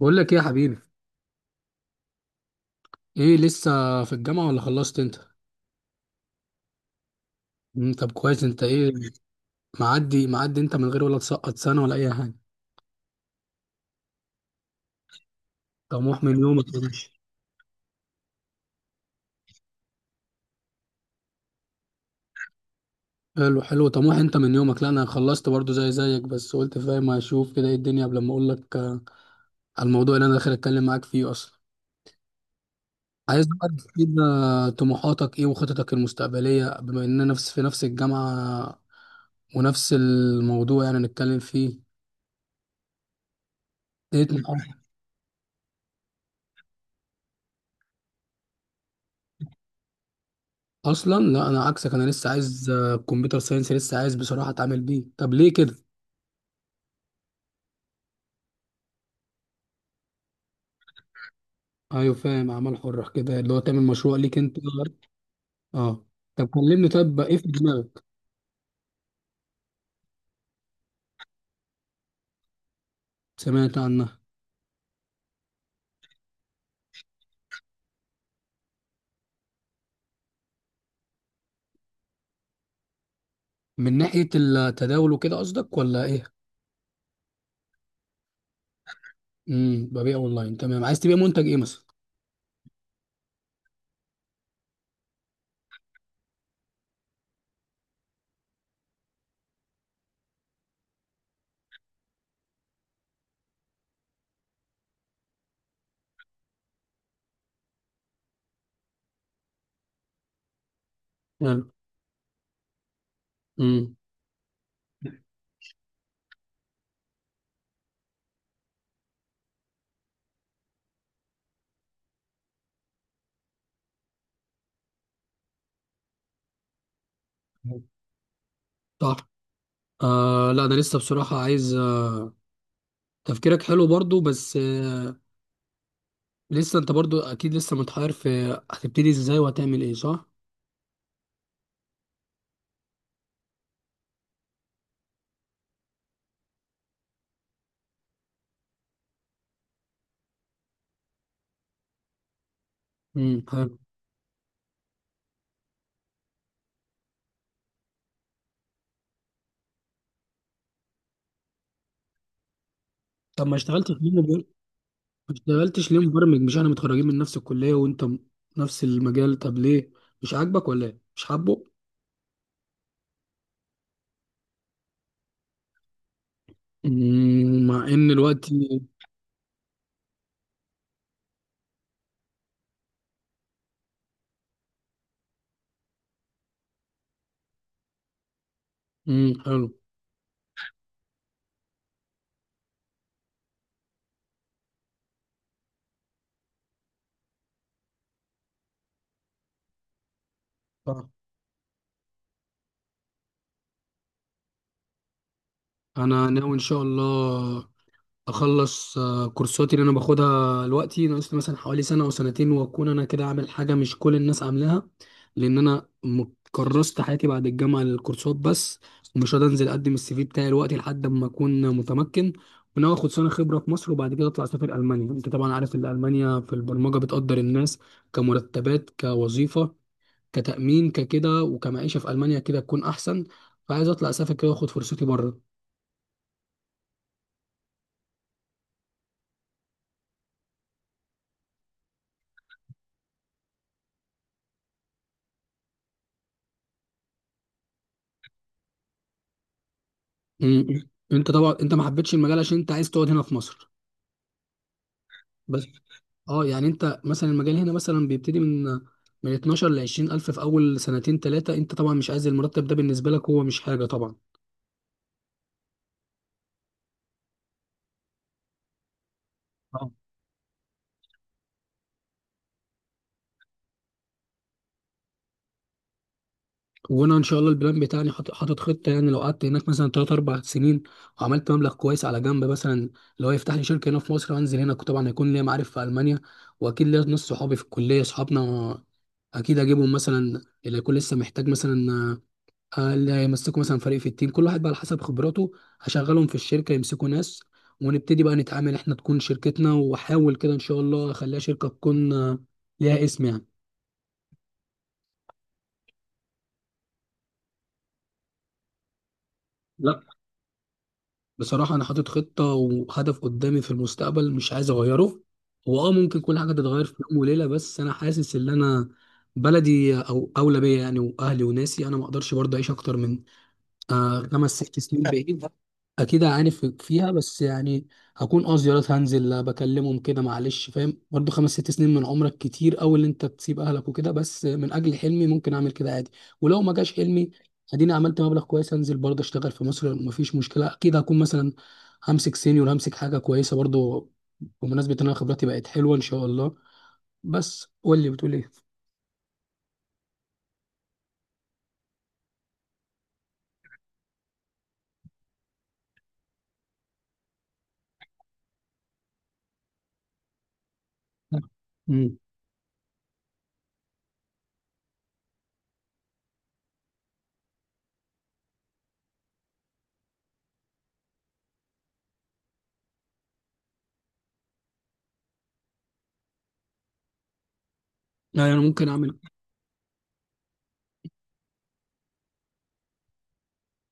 بقول لك ايه يا حبيبي؟ ايه لسه في الجامعة ولا خلصت انت؟ طب كويس، انت ايه؟ معدي معدي، انت من غير ولا تسقط سنة ولا اي حاجة؟ طموح من يومك يا باشا. حلو حلو، طموح انت من يومك. لا، انا خلصت برضو زي زيك، بس قلت فاهم اشوف كده ايه الدنيا قبل ما اقول لك على الموضوع اللي انا داخل اتكلم معاك فيه اصلا. عايز بقى تفيدنا طموحاتك ايه وخططك المستقبلية، بما اننا في نفس الجامعة ونفس الموضوع يعني نتكلم فيه. ايه طموحاتك؟ اصلا لا، انا عكسك. انا لسه عايز كمبيوتر ساينس. لسه عايز بصراحه اتعامل بيه، طب ليه كده؟ ايوه فاهم، اعمال حره كده اللي هو تعمل مشروع ليك انت. اه. طب كلمني، طب ايه في دماغك؟ سمعت عنها. من ناحيه التداول وكده قصدك ولا ايه؟ ببيع اونلاين، تمام. عايز تبيع منتج ايه مثلا؟ حلو. امم. صح. آه، لا، انا لسه بصراحه عايز تفكيرك حلو برضو، بس لسه انت برضو اكيد لسه متحير في هتبتدي ازاي وهتعمل ايه، صح؟ امم، حلو طب ما اشتغلتش ما اشتغلتش ليه مبرمج مش احنا متخرجين من نفس الكلية وانت م- نفس المجال طب ليه مش عاجبك ولا ايه مش حابه مم، مع ان الوقت مم، حلو. آه. انا ناوي ان شاء الله اخلص كورساتي اللي انا باخدها دلوقتي، ناقص لي مثلا حوالي سنه او سنتين واكون انا كده عامل حاجه مش كل الناس عاملاها. لان انا كرست حياتي بعد الجامعه للكورسات بس. ومش هقدر انزل اقدم السي في بتاعي دلوقتي لحد ما اكون متمكن. وناوي اخد سنه خبره في مصر، وبعد كده اطلع اسافر المانيا. انت طبعا عارف ان المانيا في البرمجه بتقدر الناس كمرتبات كوظيفه كتامين ككده، وكمعيشه في المانيا كده تكون احسن. فعايز اطلع اسافر كده واخد فرصتي بره. مم. انت طبعا انت ما حبيتش المجال عشان انت عايز تقعد هنا في مصر؟ بس اه، يعني انت مثلا المجال هنا مثلا بيبتدي من 12 ل 20 الف في اول سنتين 3. انت طبعا مش عايز المرتب ده، بالنسبه لك هو مش حاجه طبعا. اه. وانا ان شاء الله البلان بتاعي حاطط خطه، يعني لو قعدت هناك مثلا 3 4 سنين وعملت مبلغ كويس على جنب، مثلا لو يفتح لي شركه هنا في مصر وانزل هنا، طبعا هيكون ليا معارف في المانيا واكيد ليا ناس صحابي في الكليه اصحابنا. اكيد اجيبهم مثلا اللي يكون لسه محتاج، مثلا اللي هيمسكوا مثلا فريق في التيم، كل واحد بقى على حسب خبراته هشغلهم في الشركة يمسكوا ناس ونبتدي بقى نتعامل احنا، تكون شركتنا. واحاول كده ان شاء الله اخليها شركة تكون ليها اسم يعني. لا، بصراحة انا حاطط خطة وهدف قدامي في المستقبل، مش عايز اغيره. هو اه، ممكن كل حاجة تتغير في يوم وليلة، بس انا حاسس ان انا بلدي او اولى بيا، يعني واهلي وناسي، انا ما اقدرش برضه اعيش اكتر من 5 6 سنين بعيد. اكيد هعاني فيها، بس يعني هكون زيارات هنزل بكلمهم كده. معلش فاهم، برضو 5 6 سنين من عمرك كتير اوي اللي انت تسيب اهلك وكده، بس من اجل حلمي ممكن اعمل كده عادي. ولو ما جاش حلمي، اديني عملت مبلغ كويس. انزل برضه اشتغل في مصر، مفيش مشكله، اكيد هكون مثلا همسك سينيور، همسك حاجه كويسه برضه، بمناسبه ان انا خبرتي بقت حلوه ان شاء الله. بس قول لي، بتقول ايه؟ امم. يعني انا ممكن اعمل.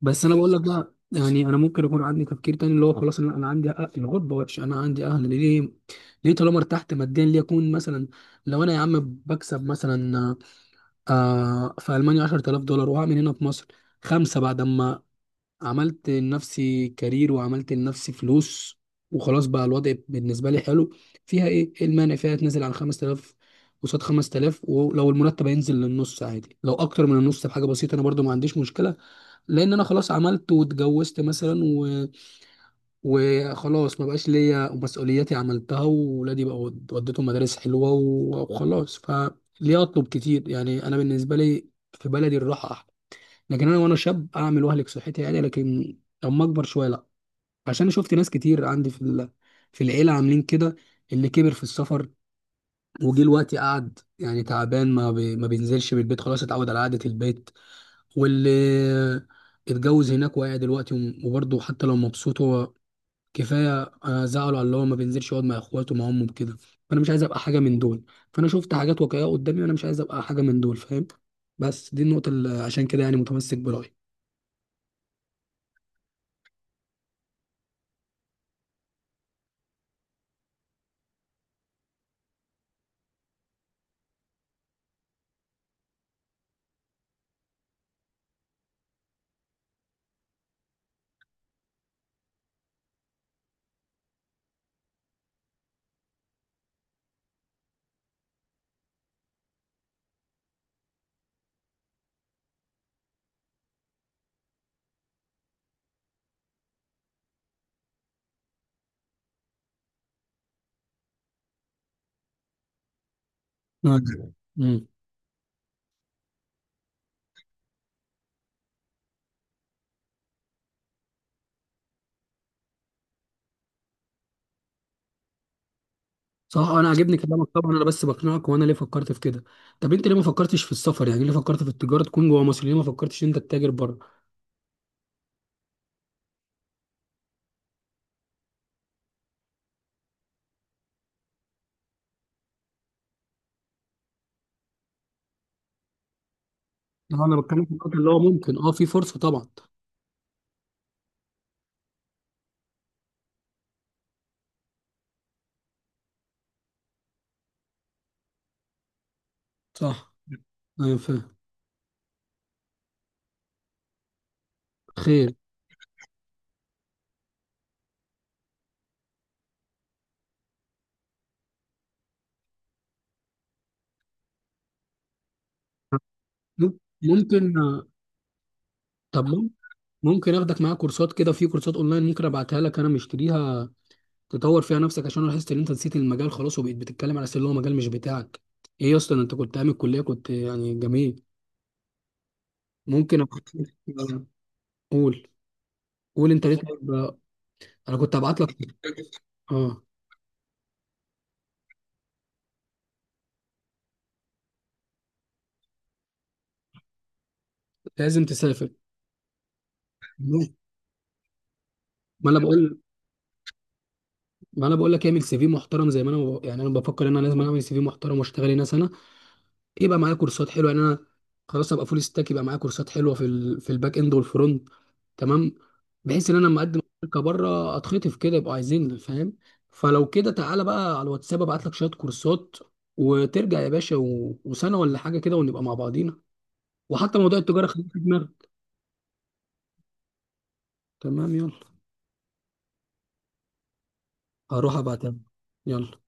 بس انا بقول لك بقى، يعني انا ممكن يكون عندي تفكير تاني اللي هو خلاص، انا عندي حق، الغربه وحش، انا عندي اهل، ليه؟ ليه طالما ارتحت ماديا؟ ليه اكون مثلا، لو انا يا عم بكسب مثلا في المانيا 10,000 دولار، وهعمل هنا في مصر خمسه بعد ما عملت لنفسي كارير وعملت لنفسي فلوس وخلاص، بقى الوضع بالنسبه لي حلو. فيها ايه؟ المانع فيها تنزل عن 5000 قصاد 5000؟ ولو المرتب هينزل للنص عادي، لو اكتر من النص بحاجه بسيطه انا برضو ما عنديش مشكله. لان انا خلاص عملت واتجوزت مثلا وخلاص ما بقاش ليا مسؤولياتي، عملتها، وولادي بقى وديتهم مدارس حلوه وخلاص. فليه اطلب كتير، يعني انا بالنسبه لي في بلدي الراحه احلى. لكن انا وانا شاب اعمل واهلك صحتي، عادي. لكن لما اكبر شويه لا، عشان شفت ناس كتير عندي في في العيله عاملين كده، اللي كبر في السفر وجه الوقت قعد يعني تعبان، ما بينزلش من البيت خلاص، اتعود على قعده البيت. واللي اتجوز هناك وقاعد دلوقتي، وبرضه حتى لو مبسوط هو كفايه زعله على اللي هو ما بينزلش يقعد مع اخواته مع امه كده. فانا مش عايز ابقى حاجه من دول. فانا شفت حاجات واقعيه قدامي، وانا مش عايز ابقى حاجه من دول، فاهم؟ بس دي النقطه اللي عشان كده يعني متمسك برايي. نعم. امم. صح. انا عاجبني كلامك طبعا، انا بس بقنعك وانا ليه فكرت في كده. طب انت ليه ما فكرتش في السفر، يعني ليه فكرت في التجاره تكون جوه مصر، ليه ما فكرتش إن انت تتاجر بره؟ انا بتكلم في النقطه اللي هو ممكن في فرصه طبعا. صح. ايوه فاهم. خير. مم- ممكن. طب ممكن اخدك معايا كورسات كده، في كورسات اونلاين ممكن ابعتها لك انا مشتريها، تطور فيها نفسك. عشان أنا لاحظت ان انت نسيت المجال خلاص، وبقيت بتتكلم على أساس ان هو مجال مش بتاعك. ايه اصلا؟ انت كنت عامل كلية كنت يعني جميل. ممكن قول. قول انت ليه طيب. انا كنت ابعت لك. اه. لازم تسافر. ما انا بقول ما انا بقول لك اعمل سي في محترم، زي ما انا يعني انا بفكر ان انا لازم اعمل سي في محترم واشتغل هنا سنة. يبقى معايا كورسات حلوه، يعني انا خلاص ابقى فول ستاك، يبقى معايا كورسات حلوه في في الباك اند والفرونت. تمام. بحيث ان انا لما اقدم شركه بره اتخطف كده، يبقوا عايزيني، فاهم؟ فلو كده تعالى بقى على الواتساب، ابعت لك شويه كورسات وترجع يا باشا وسنه ولا حاجه كده ونبقى مع بعضينا. وحتى موضوع التجاره خليه في دماغك. تمام، يلا. هروح ابعتها، يلا.